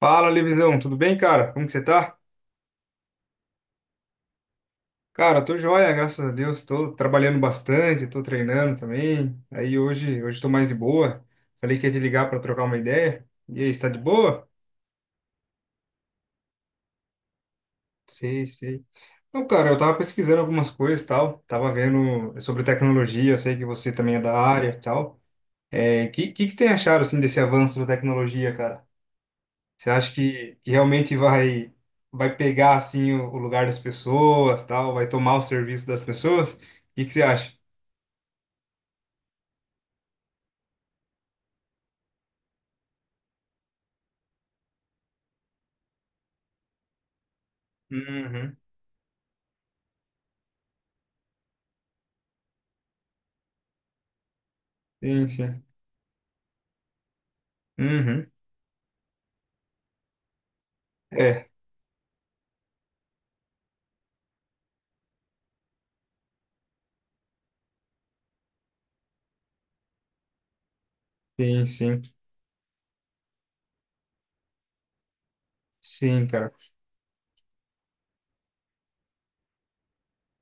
Fala, Levisão, tudo bem, cara? Como que você tá? Cara, tô joia, graças a Deus. Tô trabalhando bastante, tô treinando também. Aí hoje tô mais de boa. Falei que ia te ligar pra trocar uma ideia. E aí, você tá de boa? Sei. Então, cara, eu tava pesquisando algumas coisas e tal. Tava vendo sobre tecnologia, eu sei que você também é da área e tal. É, que você tem achado, assim, desse avanço da tecnologia, cara? Você acha que realmente vai pegar assim o lugar das pessoas, tal, vai tomar o serviço das pessoas? O que que você acha? Uhum. Sim, sim. Uhum. É, sim, sim. Sim, cara.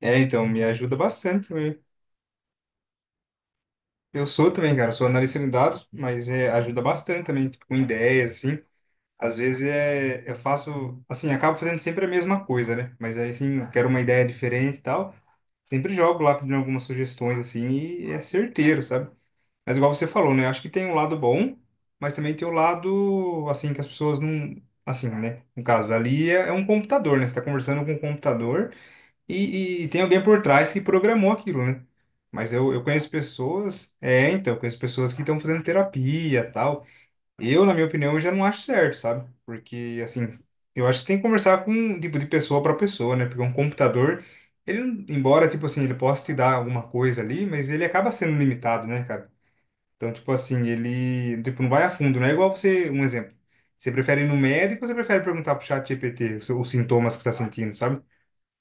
É, então, me ajuda bastante também. Eu sou também, cara, sou analista de dados, mas é, ajuda bastante também, tipo, com ideias, assim. Às vezes é, eu faço, assim, acabo fazendo sempre a mesma coisa, né? Mas aí, assim, eu quero uma ideia diferente e tal. Sempre jogo lá pedindo algumas sugestões, assim, e é certeiro, sabe? Mas igual você falou, né? Acho que tem um lado bom, mas também tem o lado, assim, que as pessoas não. Assim, né? No caso, ali é, é um computador, né? Você tá conversando com um computador e tem alguém por trás que programou aquilo, né? Mas eu conheço pessoas. É, então, eu conheço pessoas que estão fazendo terapia tal. Eu, na minha opinião, eu já não acho certo, sabe? Porque, assim, eu acho que tem que conversar com, um tipo, de pessoa para pessoa, né? Porque um computador. Ele, embora, tipo assim, ele possa te dar alguma coisa ali, mas ele acaba sendo limitado, né, cara? Então, tipo assim, ele, tipo, não vai a fundo, não é igual você, um exemplo. Você prefere ir no médico ou você prefere perguntar pro chat GPT os sintomas que você tá sentindo, sabe?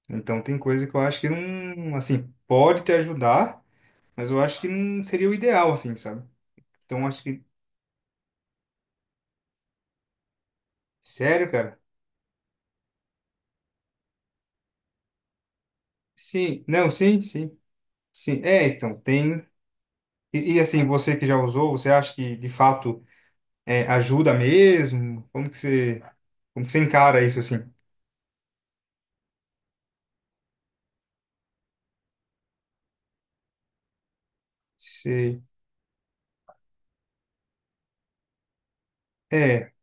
Então, tem coisa que eu acho que não, assim, pode te ajudar, mas eu acho que não seria o ideal, assim, sabe? Então, acho que, sério, cara? Sim, não, sim, sim, sim. É, então, tem, assim, você que já usou, você acha que, de fato, é, ajuda mesmo? Como que você encara isso, assim? Você, é,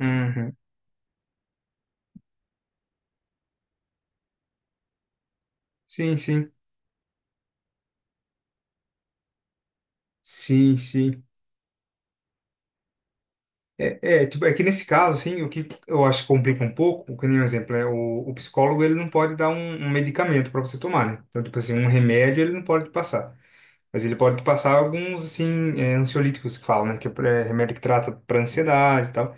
uhum. Sim, sim. Sim, sim. É, é, tipo, é que nesse caso, assim, o que eu acho que complica um pouco, que nem um exemplo, é o psicólogo, ele não pode dar um medicamento para você tomar, né? Então, tipo assim, um remédio ele não pode te passar. Mas ele pode te passar alguns, assim, é, ansiolíticos que falam, né? Que é é remédio que trata para ansiedade e tal.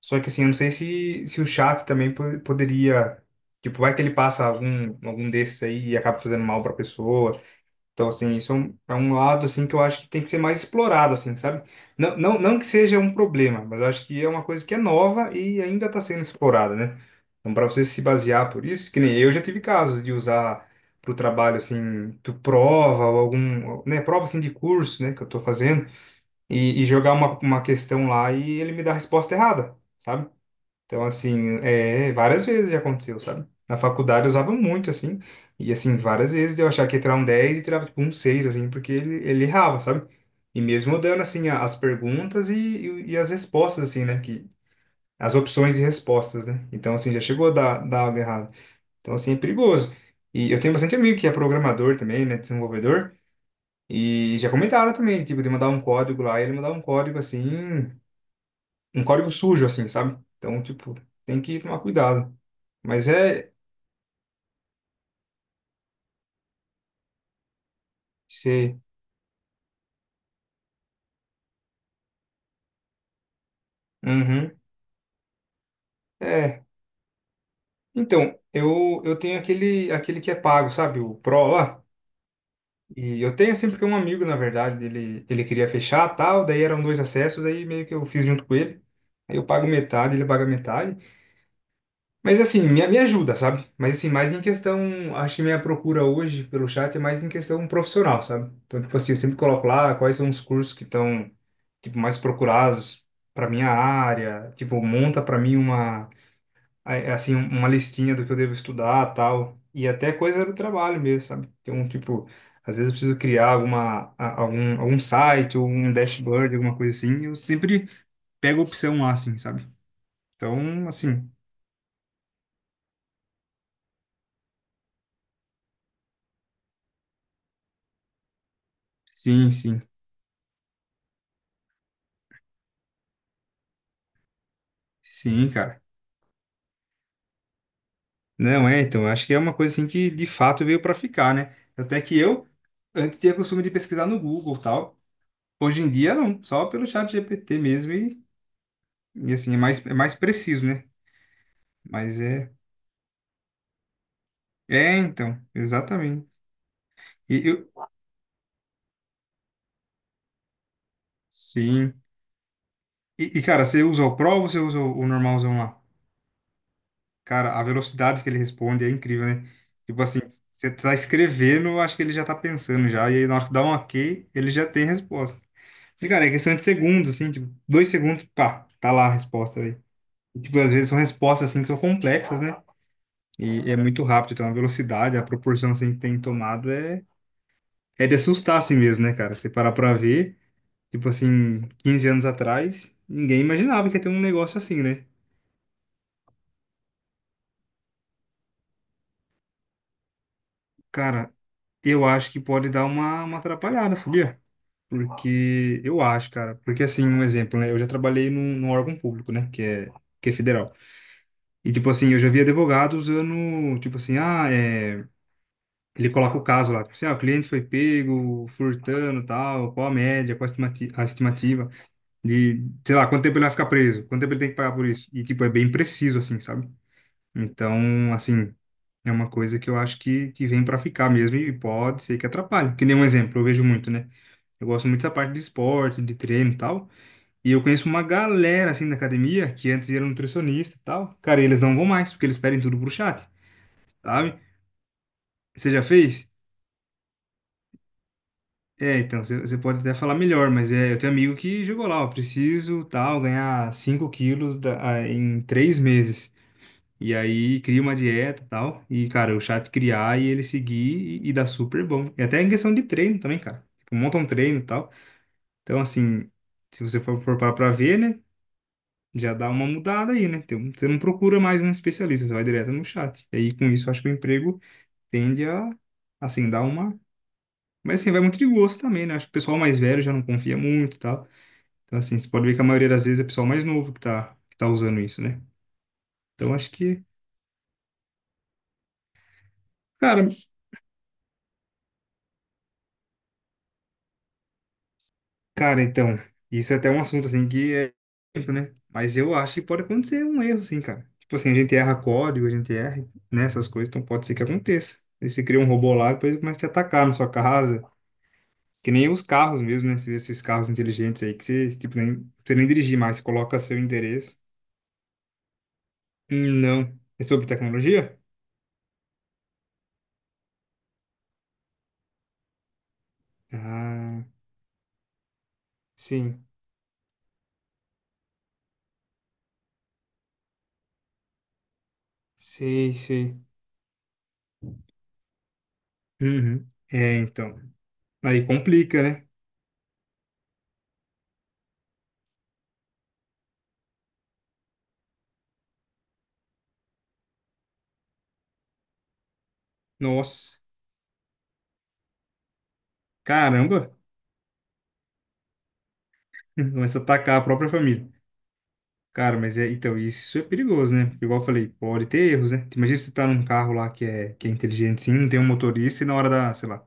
Só que, assim, eu não sei se, se o chat também poderia... Tipo, vai que ele passa algum, algum desses aí e acaba fazendo mal para a pessoa. Então, assim, isso é um lado, assim, que eu acho que tem que ser mais explorado, assim, sabe? Não que seja um problema, mas eu acho que é uma coisa que é nova e ainda está sendo explorada, né? Então, para você se basear por isso, que nem eu já tive casos de usar para o trabalho, assim, tu prova ou algum, né, prova, assim, de curso, né, que eu estou fazendo, e jogar uma questão lá e ele me dá a resposta errada, sabe? Então, assim, é, várias vezes já aconteceu, sabe? Na faculdade eu usava muito, assim, e, assim, várias vezes eu achava que ia tirar um 10 e tirava, tipo, um 6 assim, porque ele errava, sabe? E mesmo dando, assim, as perguntas e as respostas, assim, né? Que, as opções e respostas, né? Então, assim, já chegou a dar algo errado. Então, assim, é perigoso. E eu tenho bastante amigo que é programador também, né? Desenvolvedor, e já comentaram também, tipo, de mandar um código lá, e ele mandar um código, assim, um código sujo, assim, sabe? Então, tipo, tem que tomar cuidado. Mas é. Sei. Uhum. É. Então, eu tenho aquele, aquele que é pago, sabe? O Pro lá. E eu tenho sempre que um amigo, na verdade, ele queria fechar tal, daí eram dois acessos, aí meio que eu fiz junto com ele. Aí eu pago metade, ele paga metade. Mas assim, me ajuda, sabe? Mas assim, mais em questão. Acho que minha procura hoje pelo chat é mais em questão profissional, sabe? Então, tipo assim, eu sempre coloco lá quais são os cursos que estão, tipo, mais procurados para minha área. Tipo, monta para mim uma aí, é assim, um, uma listinha do que eu devo estudar, tal, e até coisa do trabalho mesmo, sabe? Tem um tipo, às vezes eu preciso criar alguma, algum, algum site ou um dashboard, alguma coisa assim, eu sempre pego a opção lá, assim, sabe? Então, assim, sim, sim, sim, cara. Não, é, então, acho que é uma coisa assim que de fato veio para ficar, né? Até que eu antes tinha costume de pesquisar no Google, e tal. Hoje em dia não, só pelo chat GPT mesmo e assim, é mais preciso, né? Mas é. É, então, exatamente. E eu, sim. E, cara, você usa o Pro ou você usa o normalzão lá? Cara, a velocidade que ele responde é incrível, né? Tipo assim, você tá escrevendo, eu acho que ele já tá pensando já. E aí, na hora que dá um ok, ele já tem a resposta. E, cara, é questão de segundos, assim, tipo, 2 segundos, pá, tá lá a resposta aí. E, tipo, às vezes são respostas, assim, que são complexas, né? E é muito rápido, então a velocidade, a proporção, assim, que tem tomado é, é de assustar, assim mesmo, né, cara? Você parar pra ver. Tipo assim, 15 anos atrás, ninguém imaginava que ia ter um negócio assim, né? Cara, eu acho que pode dar uma atrapalhada, sabia? Porque eu acho, cara. Porque assim, um exemplo, né? Eu já trabalhei num, num órgão público, né? Que é federal. E tipo assim, eu já vi advogado usando, tipo assim, ah, é... ele coloca o caso lá, tipo assim, ah, o cliente foi pego, furtando, tal, qual a média, qual a a estimativa de, sei lá, quanto tempo ele vai ficar preso, quanto tempo ele tem que pagar por isso. E tipo, é bem preciso, assim, sabe? Então, assim, é uma coisa que eu acho que vem para ficar mesmo e pode ser que atrapalhe. Que nem um exemplo, eu vejo muito, né? Eu gosto muito dessa parte de esporte, de treino e tal. E eu conheço uma galera, assim, da academia que antes era nutricionista e tal. Cara, eles não vão mais, porque eles pedem tudo pro chat, sabe? Você já fez? É, então, você pode até falar melhor, mas é, eu tenho amigo que jogou lá, ó, preciso, tal, ganhar 5 quilos ah, em 3 meses. E aí cria uma dieta e tal. E, cara, o chat criar e ele seguir e dá super bom. E até em questão de treino também, cara. Tipo, monta um treino e tal. Então, assim, se você for parar pra ver, né? Já dá uma mudada aí, né? então Você não procura mais um especialista, você vai direto no chat. E aí, com isso, eu acho que o emprego tende a, assim, dar uma. Mas, assim, vai muito de gosto também, né? Acho que o pessoal mais velho já não confia muito e tal. Então, assim, você pode ver que a maioria das vezes é o pessoal mais novo que tá usando isso, né? Então, acho que. Cara Cara, então, isso é até um assunto assim que é tempo, né? Mas eu acho que pode acontecer um erro, sim, cara. Tipo assim, a gente erra código, a gente erra, né, essas coisas, então pode ser que aconteça. Aí você cria um robô lá, depois ele começa a te atacar na sua casa. Que nem os carros mesmo, né? Você vê esses carros inteligentes aí que você, tipo, nem, você nem dirigir mais, você coloca seu endereço. Não. É sobre tecnologia? Ah, sim. Sei. Uhum. É, então. Aí complica, né? Nossa. Caramba. Começa a atacar a própria família. Cara, mas é, então, isso é perigoso, né? Igual eu falei, pode ter erros, né? Imagina você tá num carro lá que é inteligente, sim, não tem um motorista e na hora da, sei lá,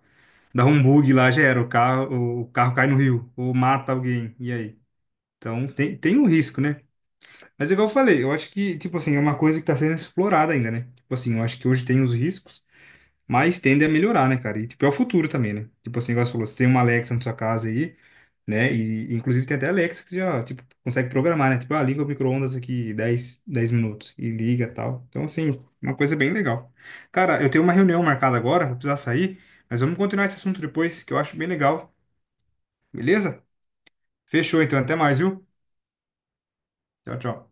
dá um bug lá, já era, o carro cai no rio, ou mata alguém, e aí? Então, tem, tem um risco, né? Mas igual eu falei, eu acho que, tipo assim, é uma coisa que tá sendo explorada ainda, né? Tipo assim, eu acho que hoje tem os riscos, mas tende a melhorar, né, cara? E, tipo, é o futuro também, né? Tipo assim, igual você falou, você tem uma Alexa na sua casa aí, né? E, inclusive, tem até Alexa que você já, tipo, consegue programar, né? Tipo, ah, liga o micro-ondas aqui dez minutos e liga tal. Então, assim, uma coisa bem legal. Cara, eu tenho uma reunião marcada agora, vou precisar sair, mas vamos continuar esse assunto depois, que eu acho bem legal, beleza? Fechou, então, até mais, viu? Tchau, tchau.